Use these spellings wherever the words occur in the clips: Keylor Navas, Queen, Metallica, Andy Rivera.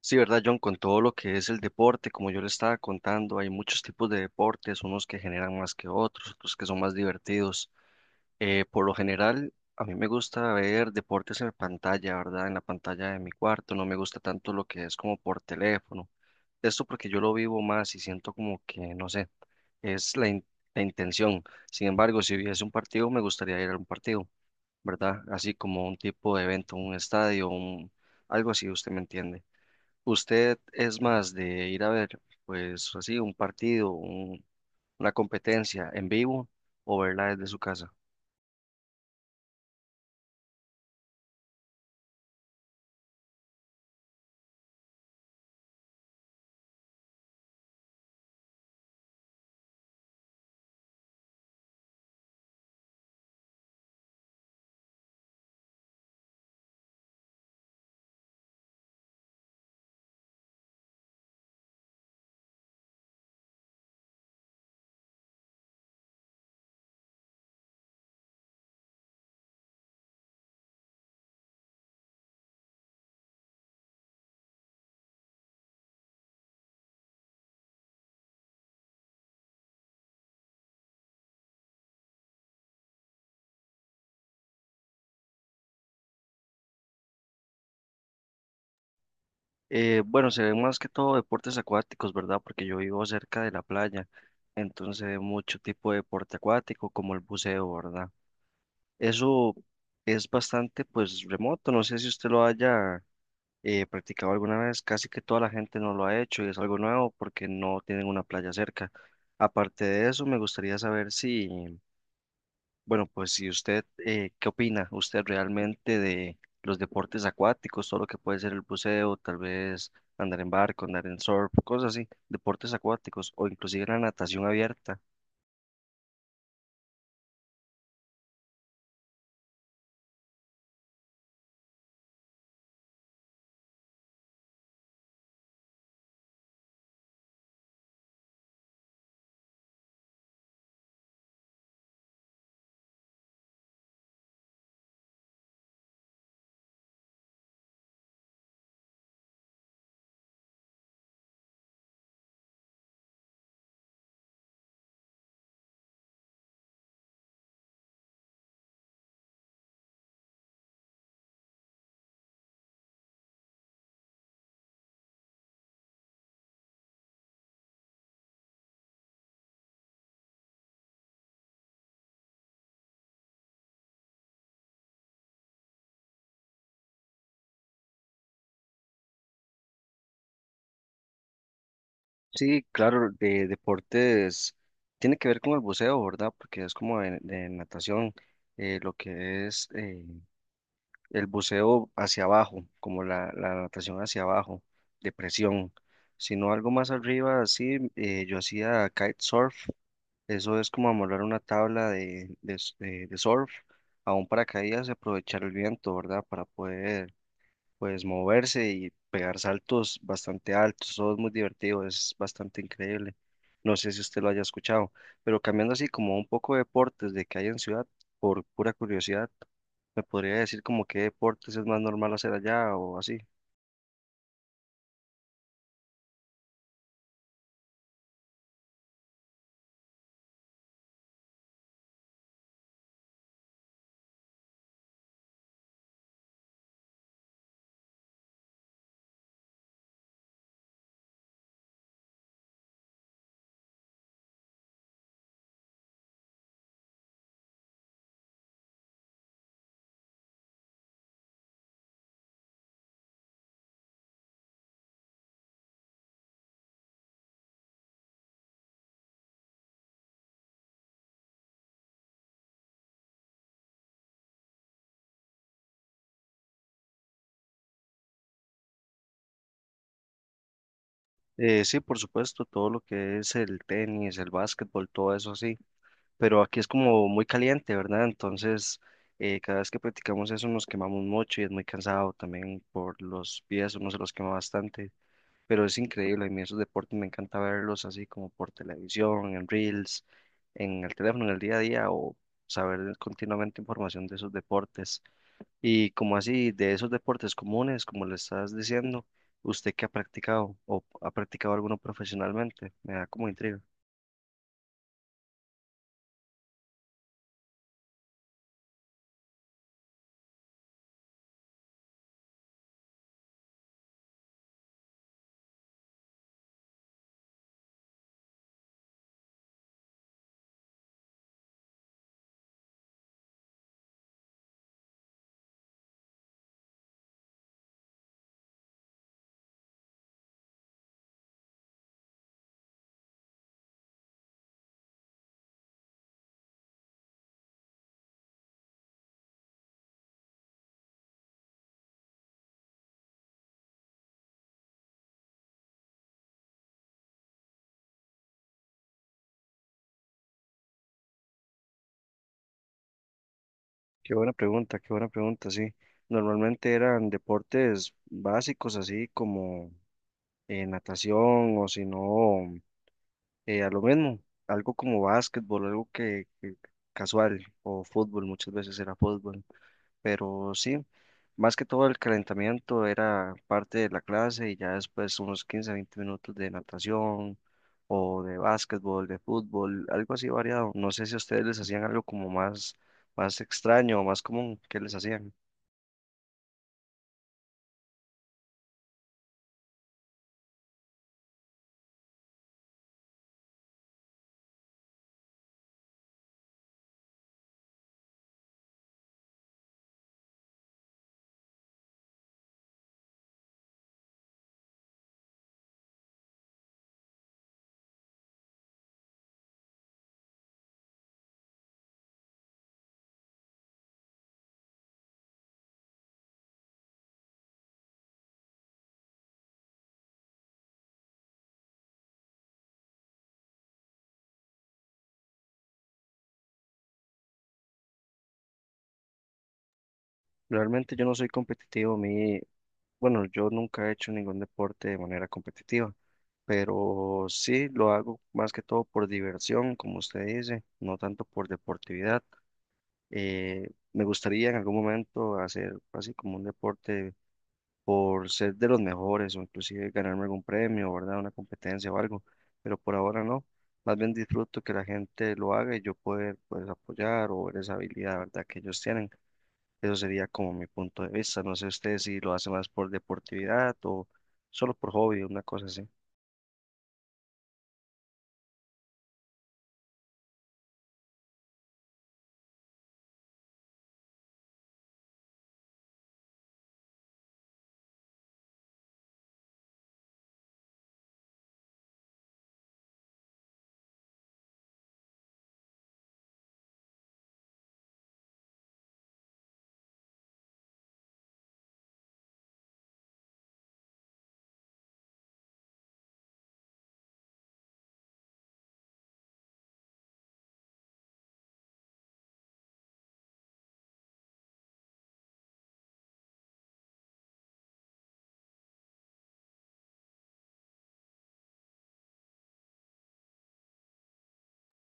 Sí, ¿verdad, John? Con todo lo que es el deporte, como yo le estaba contando, hay muchos tipos de deportes, unos que generan más que otros, otros que son más divertidos. Por lo general, a mí me gusta ver deportes en pantalla, ¿verdad? En la pantalla de mi cuarto, no me gusta tanto lo que es como por teléfono. Esto porque yo lo vivo más y siento como que, no sé, es la, la intención. Sin embargo, si hubiese un partido, me gustaría ir a un partido, ¿verdad? Así como un tipo de evento, un estadio, un, algo así, usted me entiende. ¿Usted es más de ir a ver, pues así, un partido, una competencia en vivo o verla desde su casa? Bueno, se ven más que todo deportes acuáticos, ¿verdad? Porque yo vivo cerca de la playa, entonces se ve mucho tipo de deporte acuático como el buceo, ¿verdad? Eso es bastante, pues, remoto, no sé si usted lo haya practicado alguna vez, casi que toda la gente no lo ha hecho y es algo nuevo porque no tienen una playa cerca. Aparte de eso, me gustaría saber si... Bueno, pues si usted qué opina. ¿Usted realmente de los deportes acuáticos, todo lo que puede ser el buceo, tal vez andar en barco, andar en surf, cosas así, deportes acuáticos o inclusive la natación abierta? Sí, claro, de deportes tiene que ver con el buceo, ¿verdad? Porque es como de natación, lo que es el buceo hacia abajo, como la natación hacia abajo, de presión, sino algo más arriba, así, yo hacía kitesurf, eso es como amarrar una tabla de surf a un paracaídas y aprovechar el viento, ¿verdad? Para poder, pues, moverse y pegar saltos bastante altos, todo es muy divertido, es bastante increíble. No sé si usted lo haya escuchado, pero cambiando así como un poco de deportes de que hay en ciudad, por pura curiosidad. ¿Me podría decir como qué deportes es más normal hacer allá o así? Sí, por supuesto, todo lo que es el tenis, el básquetbol, todo eso sí, pero aquí es como muy caliente, ¿verdad? Entonces, cada vez que practicamos eso nos quemamos mucho y es muy cansado también por los pies, uno se los quema bastante, pero es increíble, a mí esos deportes me encanta verlos así como por televisión, en reels, en el teléfono, en el día a día o saber continuamente información de esos deportes. Y como así, de esos deportes comunes, como le estás diciendo, ¿usted qué ha practicado o ha practicado alguno profesionalmente? Me da como intriga. Qué buena pregunta, sí. Normalmente eran deportes básicos, así como natación o si no, a lo mismo, algo como básquetbol, algo que casual o fútbol, muchas veces era fútbol. Pero sí, más que todo el calentamiento era parte de la clase y ya después unos 15, 20 minutos de natación o de básquetbol, de fútbol, algo así variado. No sé si a ustedes les hacían algo como más extraño o más común que les hacían. Realmente yo no soy competitivo, mi, bueno, yo nunca he hecho ningún deporte de manera competitiva, pero sí lo hago más que todo por diversión, como usted dice, no tanto por deportividad. Me gustaría en algún momento hacer así como un deporte por ser de los mejores o inclusive ganarme algún premio, ¿verdad? Una competencia o algo, pero por ahora no. Más bien disfruto que la gente lo haga y yo poder pues apoyar o ver esa habilidad, ¿verdad? Que ellos tienen. Eso sería como mi punto de vista. No sé usted si lo hace más por deportividad o solo por hobby, una cosa así.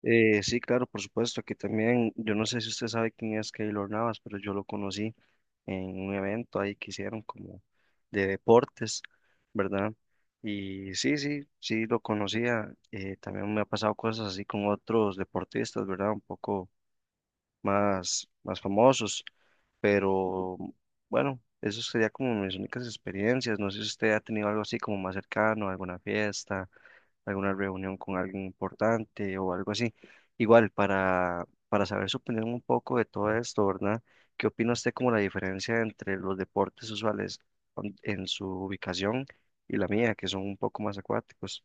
Sí, claro, por supuesto. Aquí también, yo no sé si usted sabe quién es Keylor Navas, pero yo lo conocí en un evento ahí que hicieron como de deportes, ¿verdad? Y sí, sí, sí, lo conocía. También me ha pasado cosas así con otros deportistas, ¿verdad? Un poco más famosos, pero bueno, eso sería como mis únicas experiencias. No sé si usted ha tenido algo así como más cercano, alguna fiesta, alguna reunión con alguien importante o algo así. Igual, para saber su opinión un poco de todo esto, ¿verdad? ¿Qué opina usted como la diferencia entre los deportes usuales en su ubicación y la mía, que son un poco más acuáticos?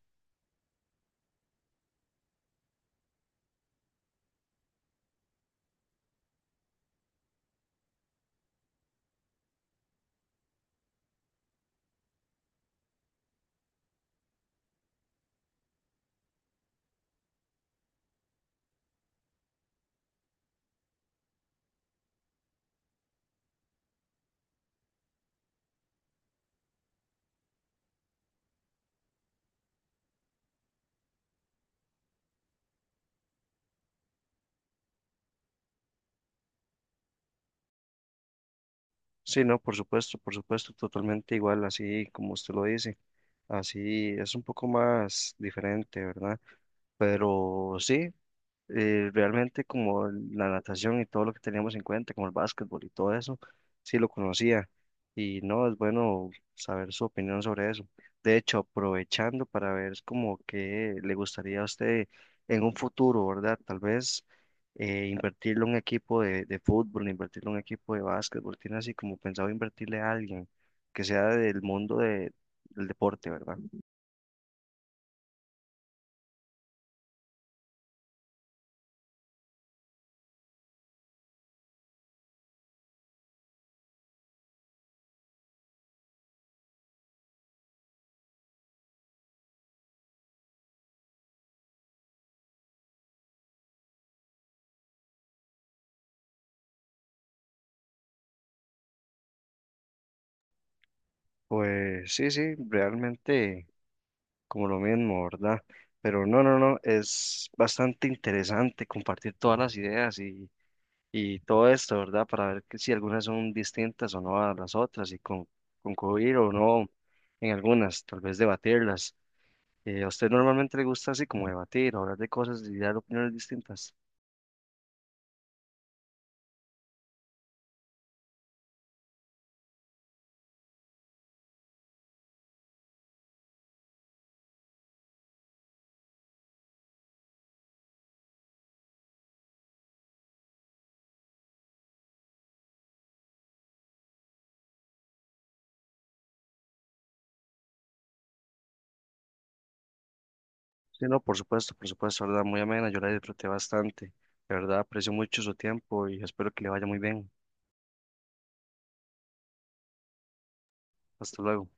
Sí, no, por supuesto, totalmente igual, así como usted lo dice. Así es un poco más diferente, ¿verdad? Pero sí. Realmente como la natación y todo lo que teníamos en cuenta, como el básquetbol y todo eso, sí lo conocía. Y no, es bueno saber su opinión sobre eso. De hecho, aprovechando para ver es como que le gustaría a usted en un futuro, ¿verdad? Tal vez invertirlo en un equipo de fútbol, invertirlo en un equipo de básquetbol, tiene así como pensado invertirle a alguien que sea del del deporte, ¿verdad? Pues sí, sí, realmente, como lo mismo, ¿verdad? Pero no, no, no, es bastante interesante compartir todas las ideas y todo esto, ¿verdad? Para ver que si algunas son distintas o no a las otras y concluir o no en algunas, tal vez debatirlas. ¿A usted normalmente le gusta así como debatir, hablar de cosas y dar opiniones distintas? Sí, no, por supuesto, ¿verdad? Muy amena, yo la disfruté bastante. De verdad, aprecio mucho su tiempo y espero que le vaya muy bien. Hasta luego.